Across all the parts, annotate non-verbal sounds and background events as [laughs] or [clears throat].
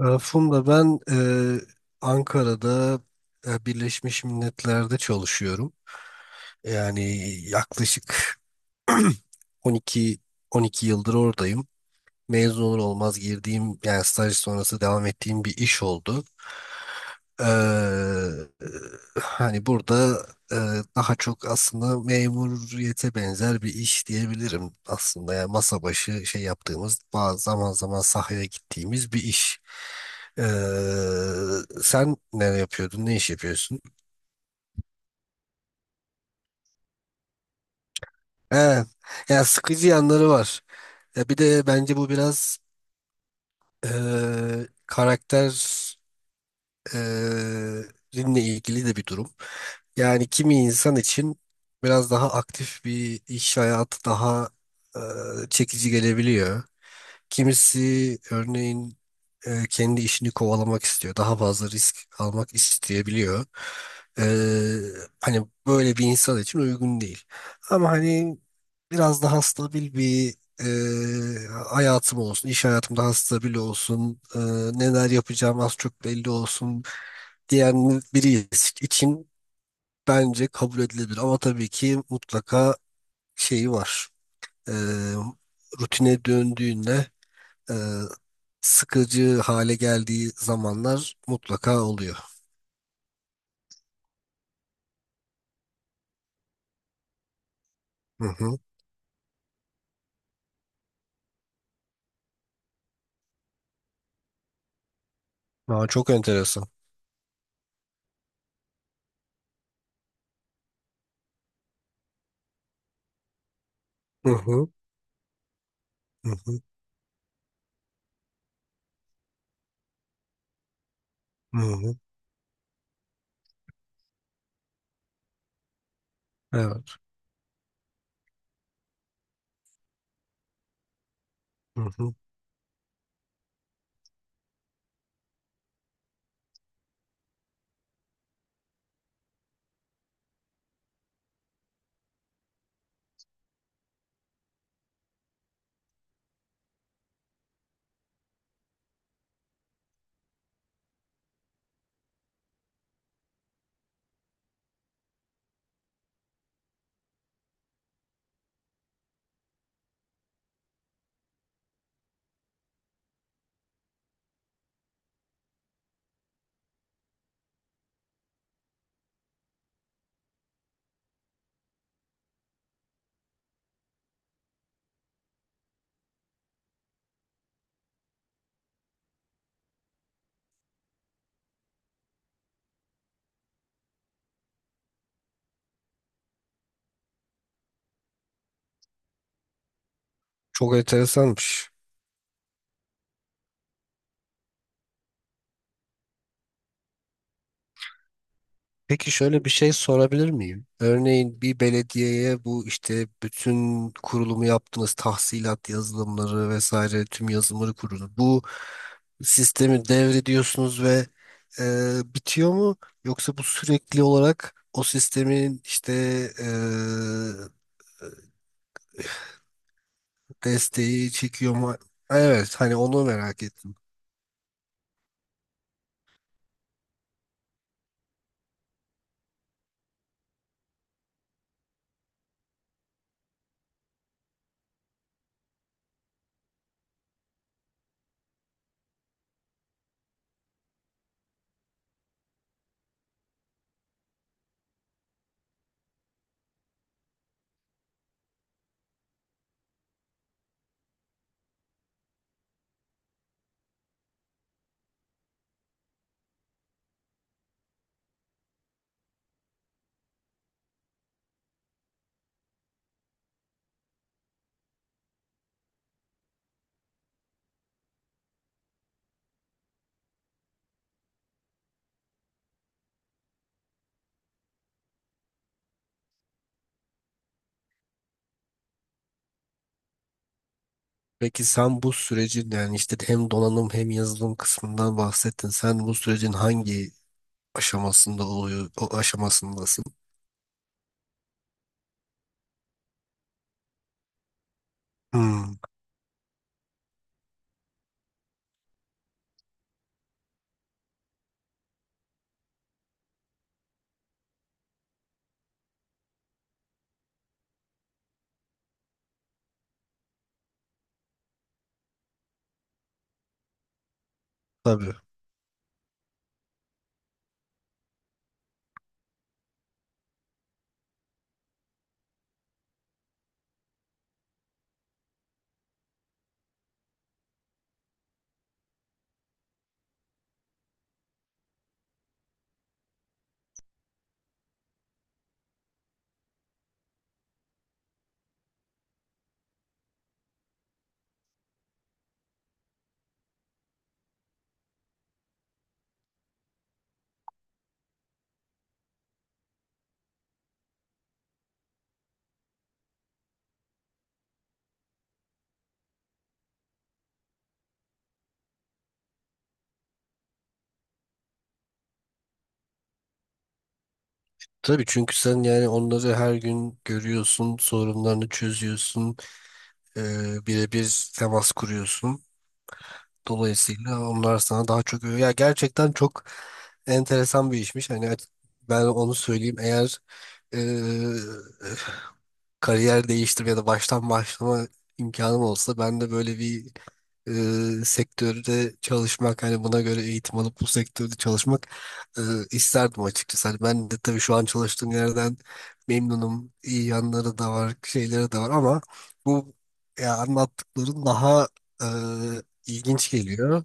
Funda, ben Ankara'da, Birleşmiş Milletler'de çalışıyorum. Yani yaklaşık [clears throat] 12 12 yıldır oradayım. Mezun olur olmaz girdiğim, yani staj sonrası devam ettiğim bir iş oldu. Eee, Hani burada daha çok aslında memuriyete benzer bir iş diyebilirim aslında. Yani masa başı şey yaptığımız, bazı zaman zaman sahaya gittiğimiz bir iş. Sen ne yapıyordun, ne iş yapıyorsun? He, ya sıkıcı yanları var. Ya bir de bence bu biraz karakter dinle ilgili de bir durum. Yani kimi insan için biraz daha aktif bir iş hayatı daha e, çekici gelebiliyor. Kimisi örneğin kendi işini kovalamak istiyor. Daha fazla risk almak isteyebiliyor. E, Hani böyle bir insan için uygun değil. Ama hani biraz daha stabil bir hayatım olsun, iş hayatım daha stabil olsun, neler yapacağım az çok belli olsun diyen biri için bence kabul edilebilir. Ama tabii ki mutlaka şeyi var. Ee, Rutine döndüğünde e, sıkıcı hale geldiği zamanlar mutlaka oluyor. Hı hı. Aa, çok enteresan. Hı hı. Hı hı. Hı hı. Evet. Hı hı. Çok enteresanmış. Peki şöyle bir şey sorabilir miyim? Örneğin bir belediyeye bu işte bütün kurulumu yaptığınız tahsilat yazılımları vesaire tüm yazılımları kurulu. Bu sistemi devrediyorsunuz ve bitiyor mu? Yoksa bu sürekli olarak o sistemin işte e, desteği çekiyor mu? Evet, hani onu merak ettim. Peki sen bu sürecin, yani işte hem donanım hem yazılım kısmından bahsettin. Sen bu sürecin hangi aşamasında oluyor, o aşamasındasın. Hmm, tabii. Tabii, çünkü sen yani onları her gün görüyorsun, sorunlarını çözüyorsun, birebir temas kuruyorsun. Dolayısıyla onlar sana daha çok, ya gerçekten çok enteresan bir işmiş. Ben onu söyleyeyim, eğer e, kariyer değiştirme ya da baştan başlama imkanım olsa, ben de böyle bir sektörde çalışmak, hani buna göre eğitim alıp bu sektörde çalışmak e, isterdim açıkçası. Hani ben de tabii şu an çalıştığım yerden memnunum. İyi yanları da var, şeyleri de var, ama bu, ya anlattıkların daha e, ilginç geliyor.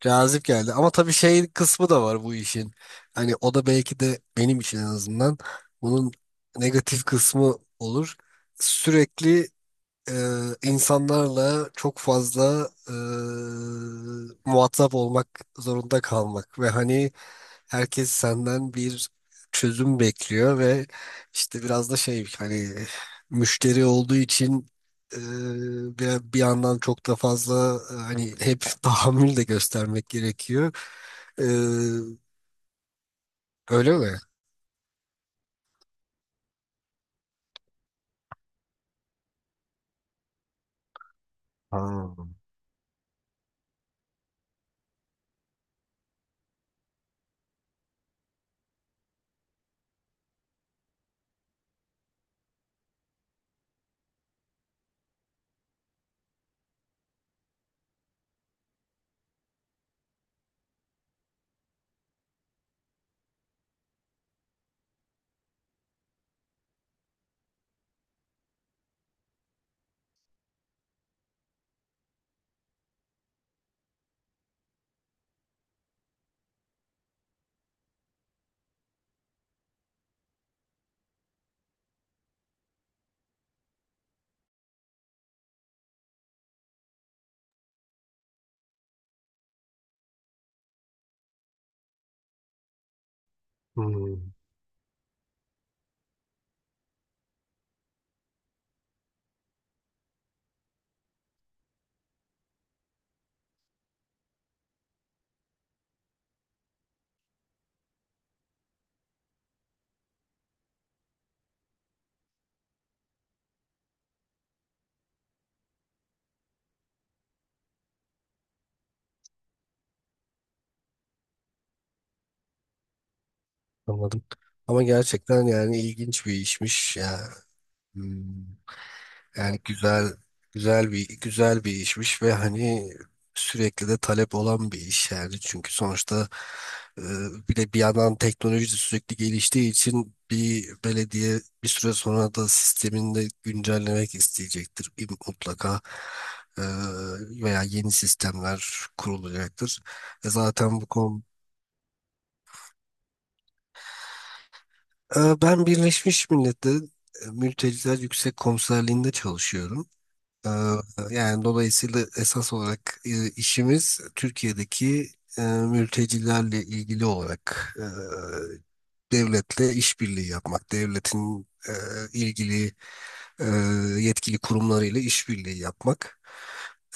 Cazip geldi. Ama tabii şey kısmı da var bu işin. Hani o da belki de benim için en azından bunun negatif kısmı olur. Sürekli e, insanlarla çok fazla muhatap olmak zorunda kalmak ve hani herkes senden bir çözüm bekliyor ve işte biraz da şey, hani müşteri olduğu için, e, bir yandan çok da fazla hani hep [laughs] tahammül de göstermek gerekiyor. E, öyle mi? Ha. Hmm, anladım. Ama gerçekten yani ilginç bir işmiş ya. Hmm. Yani güzel, güzel bir işmiş ve hani sürekli de talep olan bir iş, yani çünkü sonuçta e, bir de bir yandan teknoloji de sürekli geliştiği için, bir belediye bir süre sonra da sistemini de güncellemek isteyecektir. Bir mutlaka. E, veya yeni sistemler kurulacaktır. E, zaten bu konu, ben Birleşmiş Milletler'in Mülteciler Yüksek Komiserliği'nde çalışıyorum. Ee, Yani dolayısıyla esas olarak işimiz Türkiye'deki mültecilerle ilgili olarak, devletle işbirliği yapmak, devletin ilgili e, yetkili kurumlarıyla işbirliği yapmak.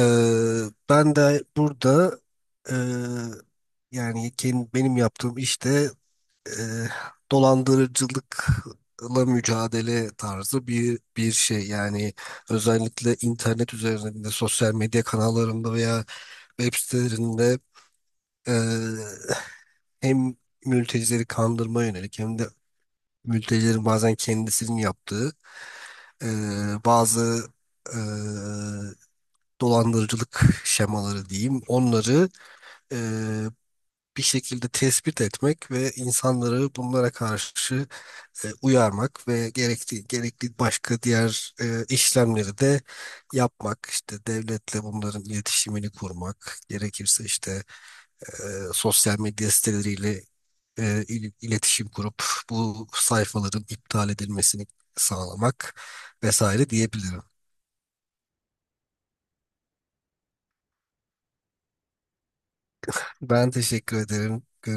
E, Ben de burada, e, yani benim yaptığım işte e, dolandırıcılıkla mücadele tarzı bir şey. Yani özellikle internet üzerinde, sosyal medya kanallarında veya web sitelerinde e, hem mültecileri kandırma yönelik, hem de mültecilerin bazen kendisinin yaptığı e, bazı e, dolandırıcılık şemaları diyeyim. Onları e, bir şekilde tespit etmek ve insanları bunlara karşı uyarmak ve gerekli başka diğer işlemleri de yapmak. İşte devletle bunların iletişimini kurmak. Gerekirse işte e, sosyal medya siteleriyle iletişim kurup bu sayfaların iptal edilmesini sağlamak vesaire diyebilirim. Ben teşekkür ederim.